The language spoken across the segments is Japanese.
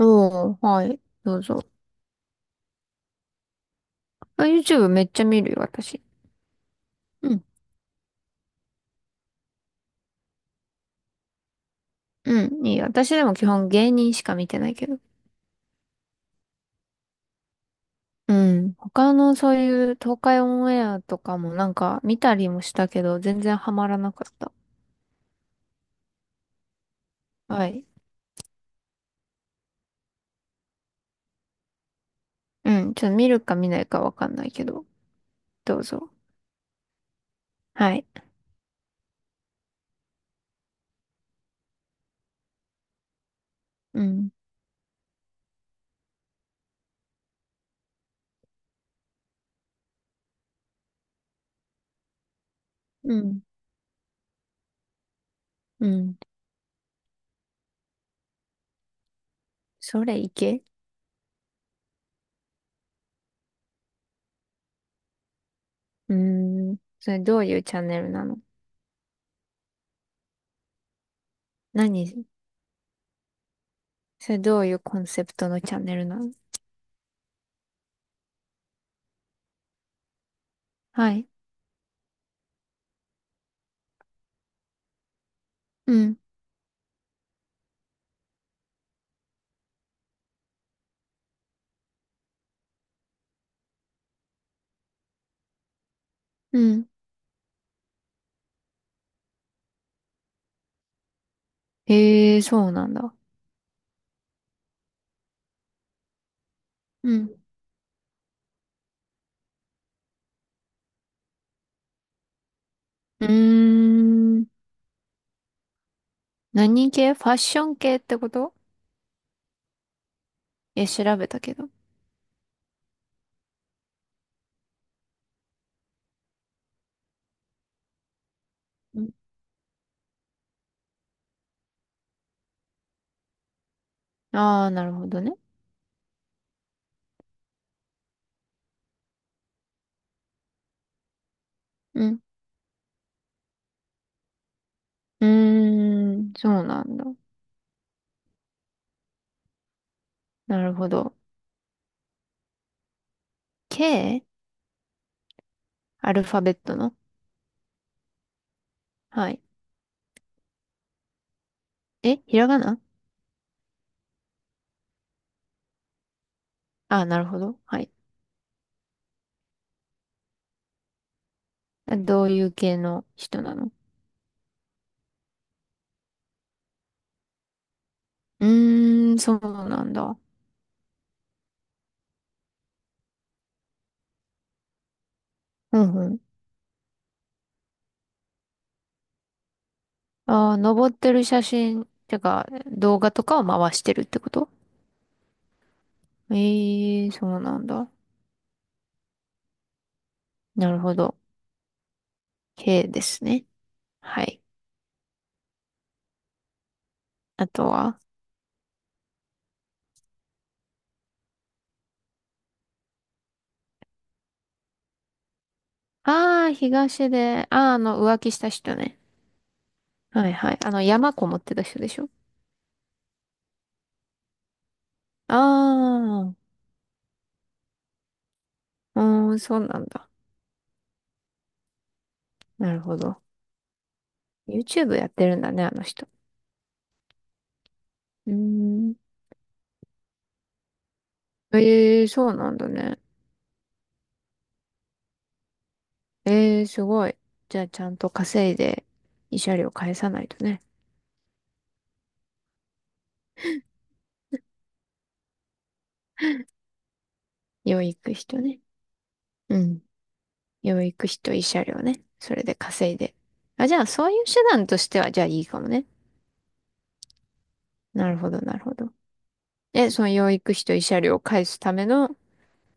おー、はい、どうぞ。あ、YouTube めっちゃ見るよ、私。うん。うん、いいよ。私でも基本芸人しか見てないけど。うん。他のそういう東海オンエアとかもなんか見たりもしたけど、全然ハマらなかった。はい。うん。ちょっと見るか見ないかわかんないけど、どうぞ。はい。うん。うん。うん。それいけ。うーん。それどういうチャンネルなの？何、それどういうコンセプトのチャンネルなの？はい。うん。うん。へえ、そうなんだ。うん。うーん。何系？ファッション系ってこと？いや、調べたけど。ああー、なるほどね。うん。うーん、そうなんだ。なるほど。K？ アルファベットの？はい。え、ひらがな？ああー、なるほど。はい。どういう系の人なの？うーん、そうなんだ。うんうん。ああ、登ってる写真、てか、動画とかを回してるってこと？ええー、そうなんだ。なるほど。K ですね。はい。あとは、ああ、東で、ああ、浮気した人ね。はいはい。山こもってた人でしょ？ああ、うーん、そうなんだ。なるほど。YouTube やってるんだね、あの人。うーん。ええ、そうなんだね。ええ、すごい。じゃあ、ちゃんと稼いで、慰謝料返さないとね。養育費とね。うん。養育費と慰謝料ね。それで稼いで。あ、じゃあ、そういう手段としては、じゃあいいかもね。なるほど、なるほど。え、その養育費と慰謝料を返すための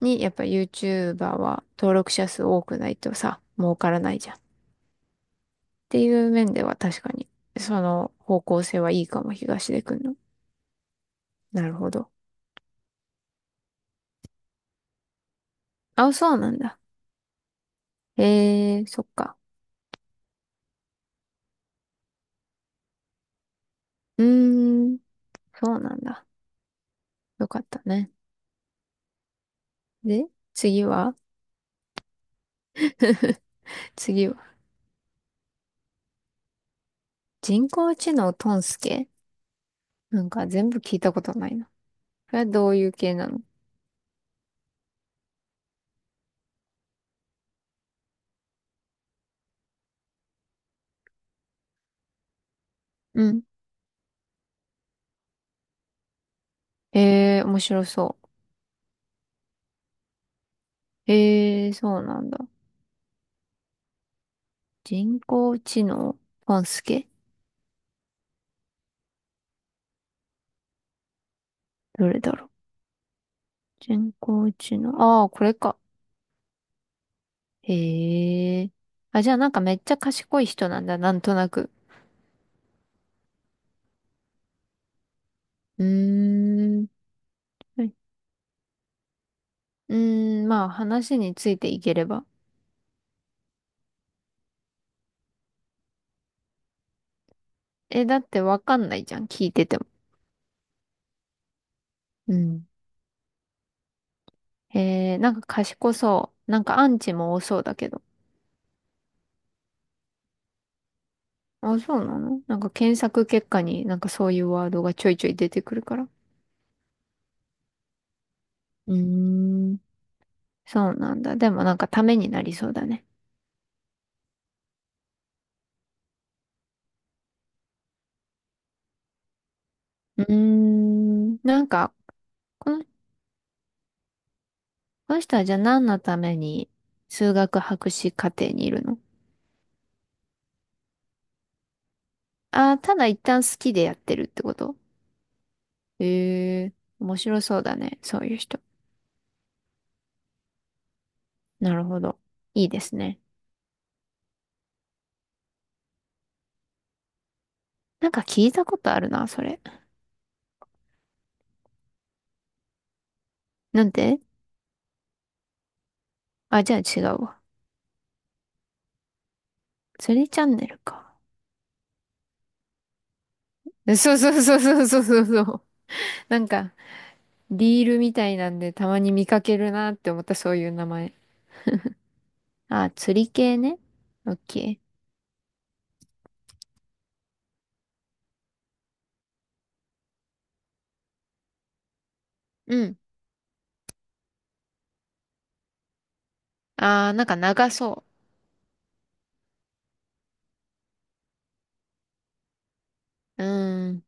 に、やっぱ YouTuber は登録者数多くないとさ、儲からないじゃん。っていう面では確かに、その方向性はいいかも、東出くんの。なるほど。あ、そうなんだ。へえー、そっか。うーん、そうなんだ。よかったね。で、次は。次は。人工知能トンスケ？なんか全部聞いたことないな。それはどういう系なの？うん。へえー、面白そう。へえー、そうなんだ。人工知能トンスケ、どれだろう？人工知能。ああ、これか。へえ。あ、じゃあなんかめっちゃ賢い人なんだ、なんとなく。うーん。はい。うーん、まあ話についていければ。え、だってわかんないじゃん、聞いてても。うん。へえ、なんか賢そう。なんかアンチも多そうだけど。あ、そうなの？なんか検索結果になんかそういうワードがちょいちょい出てくるから。うーん。そうなんだ。でもなんかためになりそうだね。うーん。なんか、このこの人はじゃあ何のために数学博士課程にいるの？ああー、ただ一旦好きでやってるってこと？ええー、面白そうだね。そういう人。なるほど。いいですね。なんか聞いたことあるな、それ。なんで？あ、じゃあ違うわ。釣りチャンネルか。そうそうそうそうそうそうそう。なんか、リールみたいなんでたまに見かけるなって思った、そういう名前。あ、釣り系ね。オッケー。うん。ああ、なんか長そう。うーん。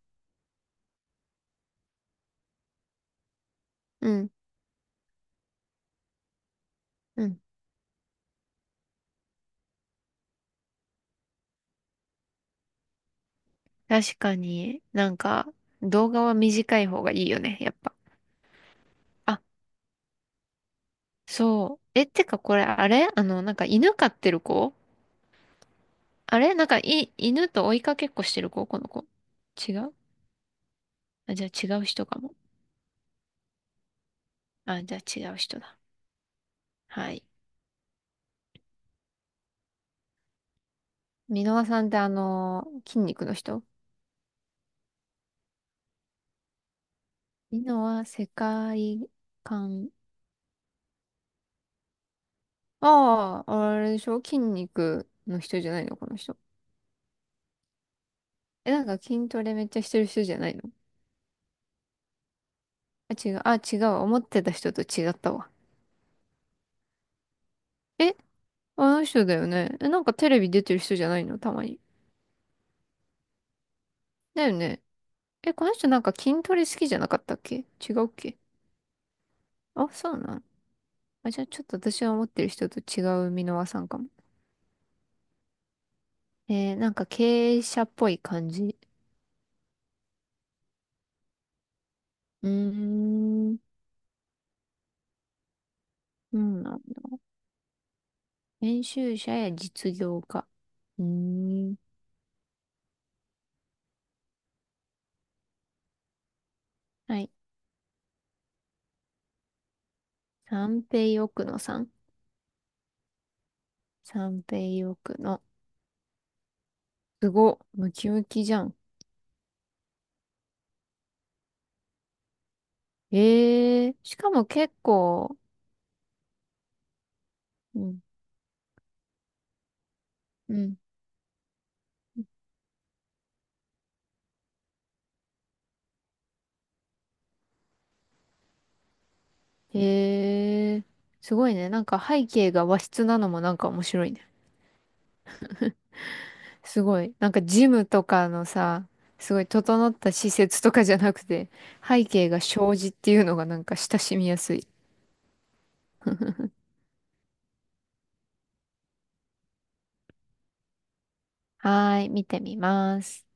うん。うん。確かになんか動画は短い方がいいよね、やっぱ。あ、そう。え、てかこれあれ、なんか犬飼ってる子？あれなんかい、犬と追いかけっこしてる子この子。違う？あ、じゃあ違う人かも。あ、じゃあ違う人だ。はい。箕輪さんってあの、筋肉の人？箕輪世界観。ああ、あれでしょ、筋肉の人じゃないのこの人。え、なんか筋トレめっちゃしてる人じゃないの？あ、違う。あ、違う。思ってた人と違ったわ。え、あの人だよね。え、なんかテレビ出てる人じゃないのたまに。だよね。え、この人なんか筋トレ好きじゃなかったっけ？違うっけ？あ、そうなん。あ、じゃあちょっと私が思ってる人と違う箕輪さんかも。えー、なんか経営者っぽい感じ。うーん、うんなんだ。編集者や実業家。うーん、はい。三平奥野さん。三平奥野。すごっ、ムキムキじゃん。ええー、しかも結構、うん、うん。へえ、すごいね。なんか背景が和室なのもなんか面白いね。すごい。なんかジムとかのさ、すごい整った施設とかじゃなくて、背景が障子っていうのがなんか親しみやすい。はーい、見てみます。